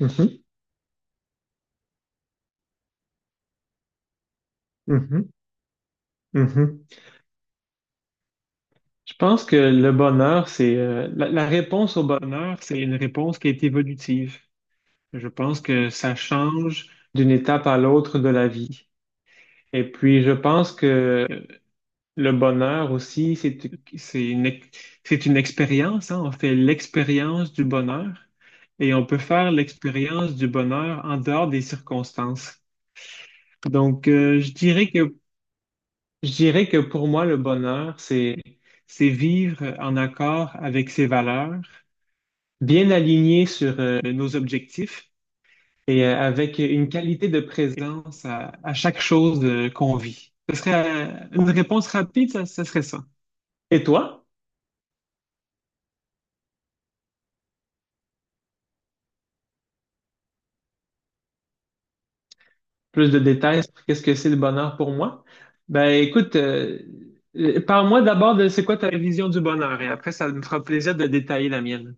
Mhm, mhm, mhm. Je pense que le bonheur, c'est la réponse au bonheur, c'est une réponse qui est évolutive. Je pense que ça change d'une étape à l'autre de la vie. Et puis, je pense que le bonheur aussi, c'est une expérience, hein. On fait l'expérience du bonheur et on peut faire l'expérience du bonheur en dehors des circonstances. Donc, Je dirais que pour moi, le bonheur, c'est vivre en accord avec ses valeurs, bien aligné sur nos objectifs et avec une qualité de présence à chaque chose qu'on vit. Ce serait une réponse rapide, ça serait ça. Et toi, plus de détails sur qu'est-ce que c'est le bonheur pour moi? Ben écoute, parle-moi d'abord de c'est quoi ta vision du bonheur et après ça me fera plaisir de détailler la mienne.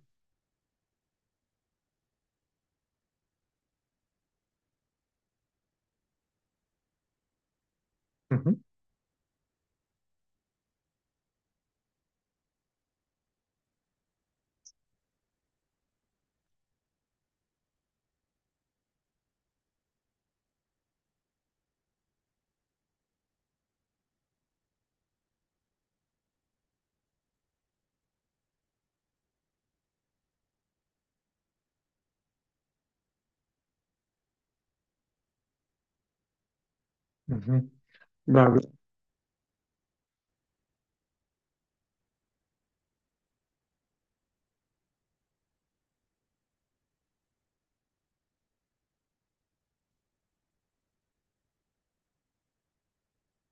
Mhm, mhm. Ben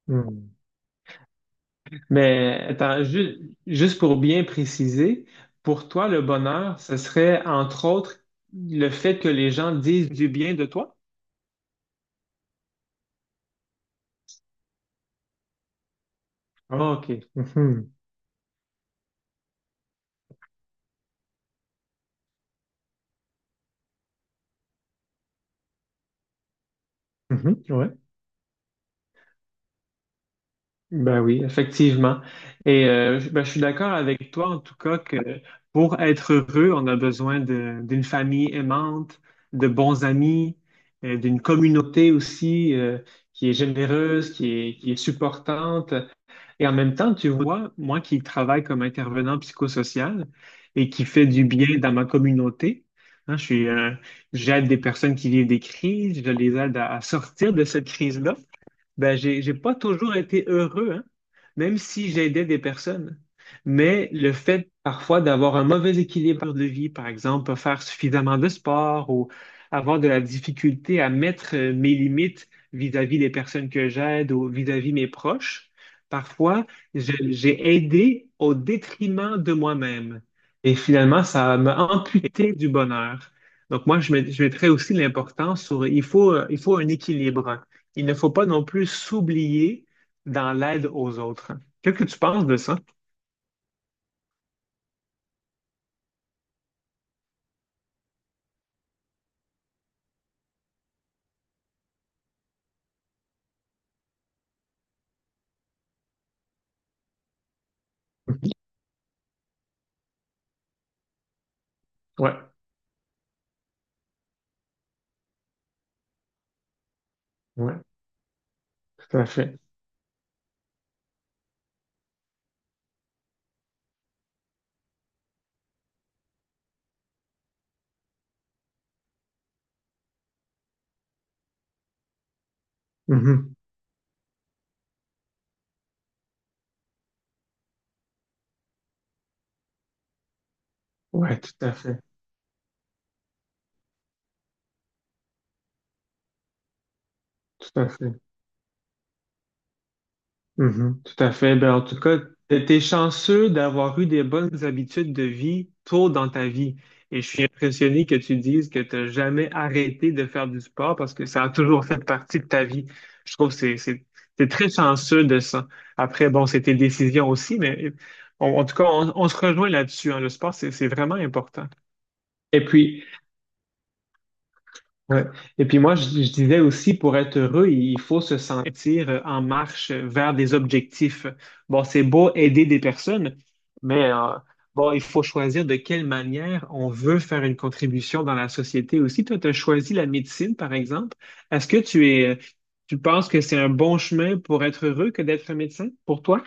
oui. Mais attends, juste pour bien préciser, pour toi, le bonheur, ce serait entre autres le fait que les gens disent du bien de toi? Ah, OK. Mhm. Mhm. Ouais. Ben oui, effectivement. Et je ben, je suis d'accord avec toi, en tout cas, que pour être heureux, on a besoin de- d'une famille aimante, de bons amis, d'une communauté aussi qui est généreuse, qui est supportante. Et en même temps, tu vois, moi qui travaille comme intervenant psychosocial et qui fait du bien dans ma communauté, hein, je suis, j'aide des personnes qui vivent des crises, je les aide à sortir de cette crise-là. Ben, j'ai pas toujours été heureux, hein, même si j'aidais des personnes. Mais le fait parfois d'avoir un mauvais équilibre de vie, par exemple, pas faire suffisamment de sport ou avoir de la difficulté à mettre mes limites vis-à-vis des personnes que j'aide ou vis-à-vis mes proches, parfois j'ai aidé au détriment de moi-même. Et finalement, ça m'a amputé du bonheur. Donc moi, je mettrais aussi l'importance sur il faut un équilibre il ne faut pas non plus s'oublier dans l'aide aux autres. Qu'est-ce que tu penses de ça? Mhm. Ouais, ouais, tout à fait. Mhm. Ouais, tout à fait, tout à fait. Mhm, tout à fait. Ben, en tout cas, t'es chanceux d'avoir eu des bonnes habitudes de vie tôt dans ta vie. Et je suis impressionné que tu dises que tu n'as jamais arrêté de faire du sport parce que ça a toujours fait partie de ta vie. Je trouve que c'est, t'es très chanceux de ça. Après, bon, c'est tes décisions aussi, mais on- en tout cas, on se rejoint là-dessus, hein. Le sport, c'est vraiment important. Et puis, Ouais. Et puis moi, je disais aussi, pour être heureux, il faut se sentir en marche vers des objectifs. Bon, c'est beau aider des personnes, mais bon, il faut choisir de quelle manière on veut faire une contribution dans la société aussi. Toi, tu as choisi la médecine, par exemple. Est-ce que tu es, tu penses que c'est un bon chemin pour être heureux que d'être médecin, pour toi?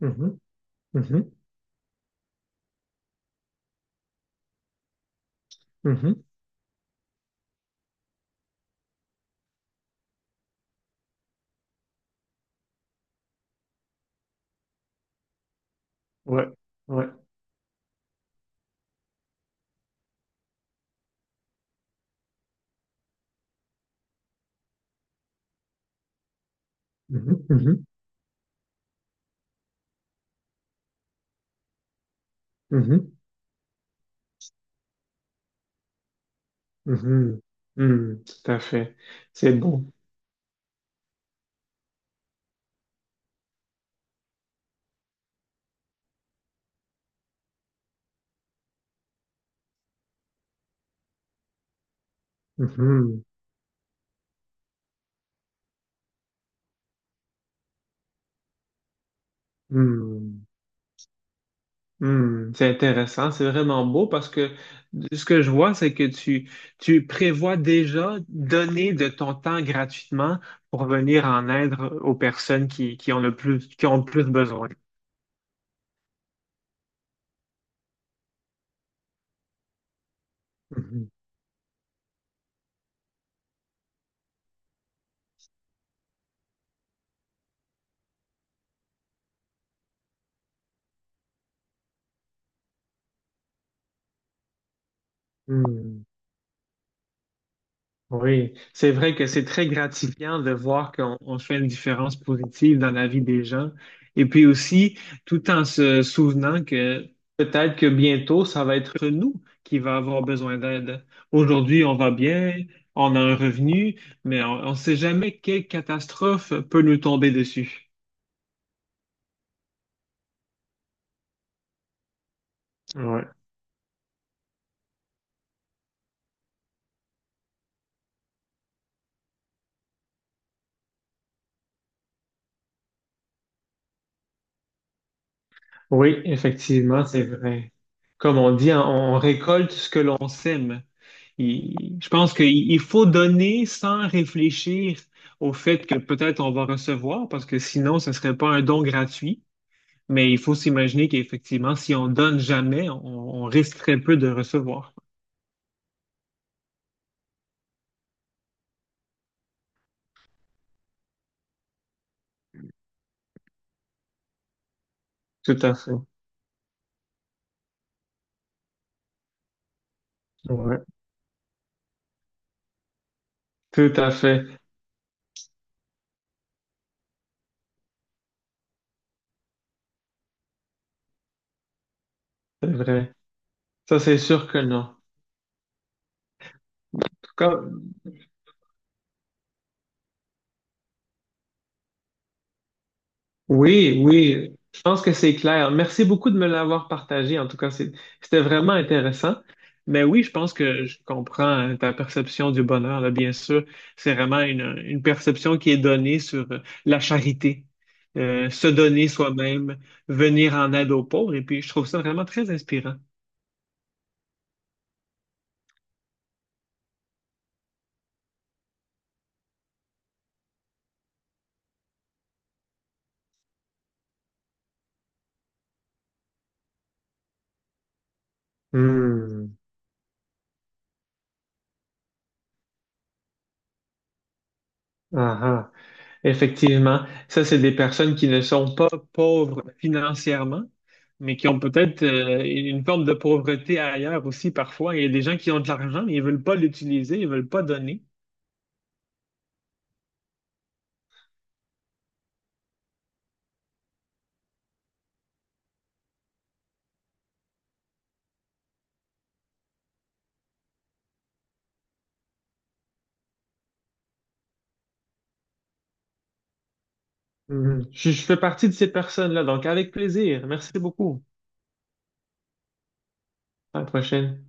Mhm, mhm, mhm. Ouais, ouais. Mhm, mhm, mhm, mhm. Hmm, tout à fait. C'est bon. Mhm, hmm. Hmm, c'est intéressant, c'est vraiment beau parce que ce que je vois, c'est que tu prévois déjà donner de ton temps gratuitement pour venir en aide aux personnes qui ont le plus, qui ont le plus besoin. Mhm. Hmm. Oui, c'est vrai que c'est très gratifiant de voir qu'on on fait une différence positive dans la vie des gens. Et puis aussi, tout en se souvenant que peut-être que bientôt, ça va être nous qui va avoir besoin d'aide. Aujourd'hui, on va bien, on a un revenu, mais on ne sait jamais quelle catastrophe peut nous tomber dessus. Ouais. Oui, effectivement, c'est vrai. Comme on dit, on récolte ce que l'on sème. Je pense qu'il il faut donner sans réfléchir au fait que peut-être on va recevoir, parce que sinon, ce ne serait pas un don gratuit. Mais il faut s'imaginer qu'effectivement, si on donne jamais, on risque très peu de recevoir. Tout à fait. Ouais. Tout à fait. C'est vrai. Ça, c'est sûr que non. En tout cas, Oui, oui, je pense que c'est clair. Merci beaucoup de me l'avoir partagé. En tout cas, c'est- c'était vraiment intéressant. Mais oui, je pense que je comprends ta perception du bonheur, là, bien sûr. C'est vraiment une perception qui est donnée sur la charité, se donner soi-même, venir en aide aux pauvres. Et puis, je trouve ça vraiment très inspirant. Hmm. Ah, ah. Effectivement, ça, c'est des personnes qui ne sont pas pauvres financièrement, mais qui ont peut-être une forme de pauvreté ailleurs aussi parfois. Il y a des gens qui ont de l'argent, mais ils veulent pas l'utiliser, ils veulent pas donner. Mhm. Je fais partie de ces personnes-là, donc avec plaisir. Merci beaucoup. À la prochaine.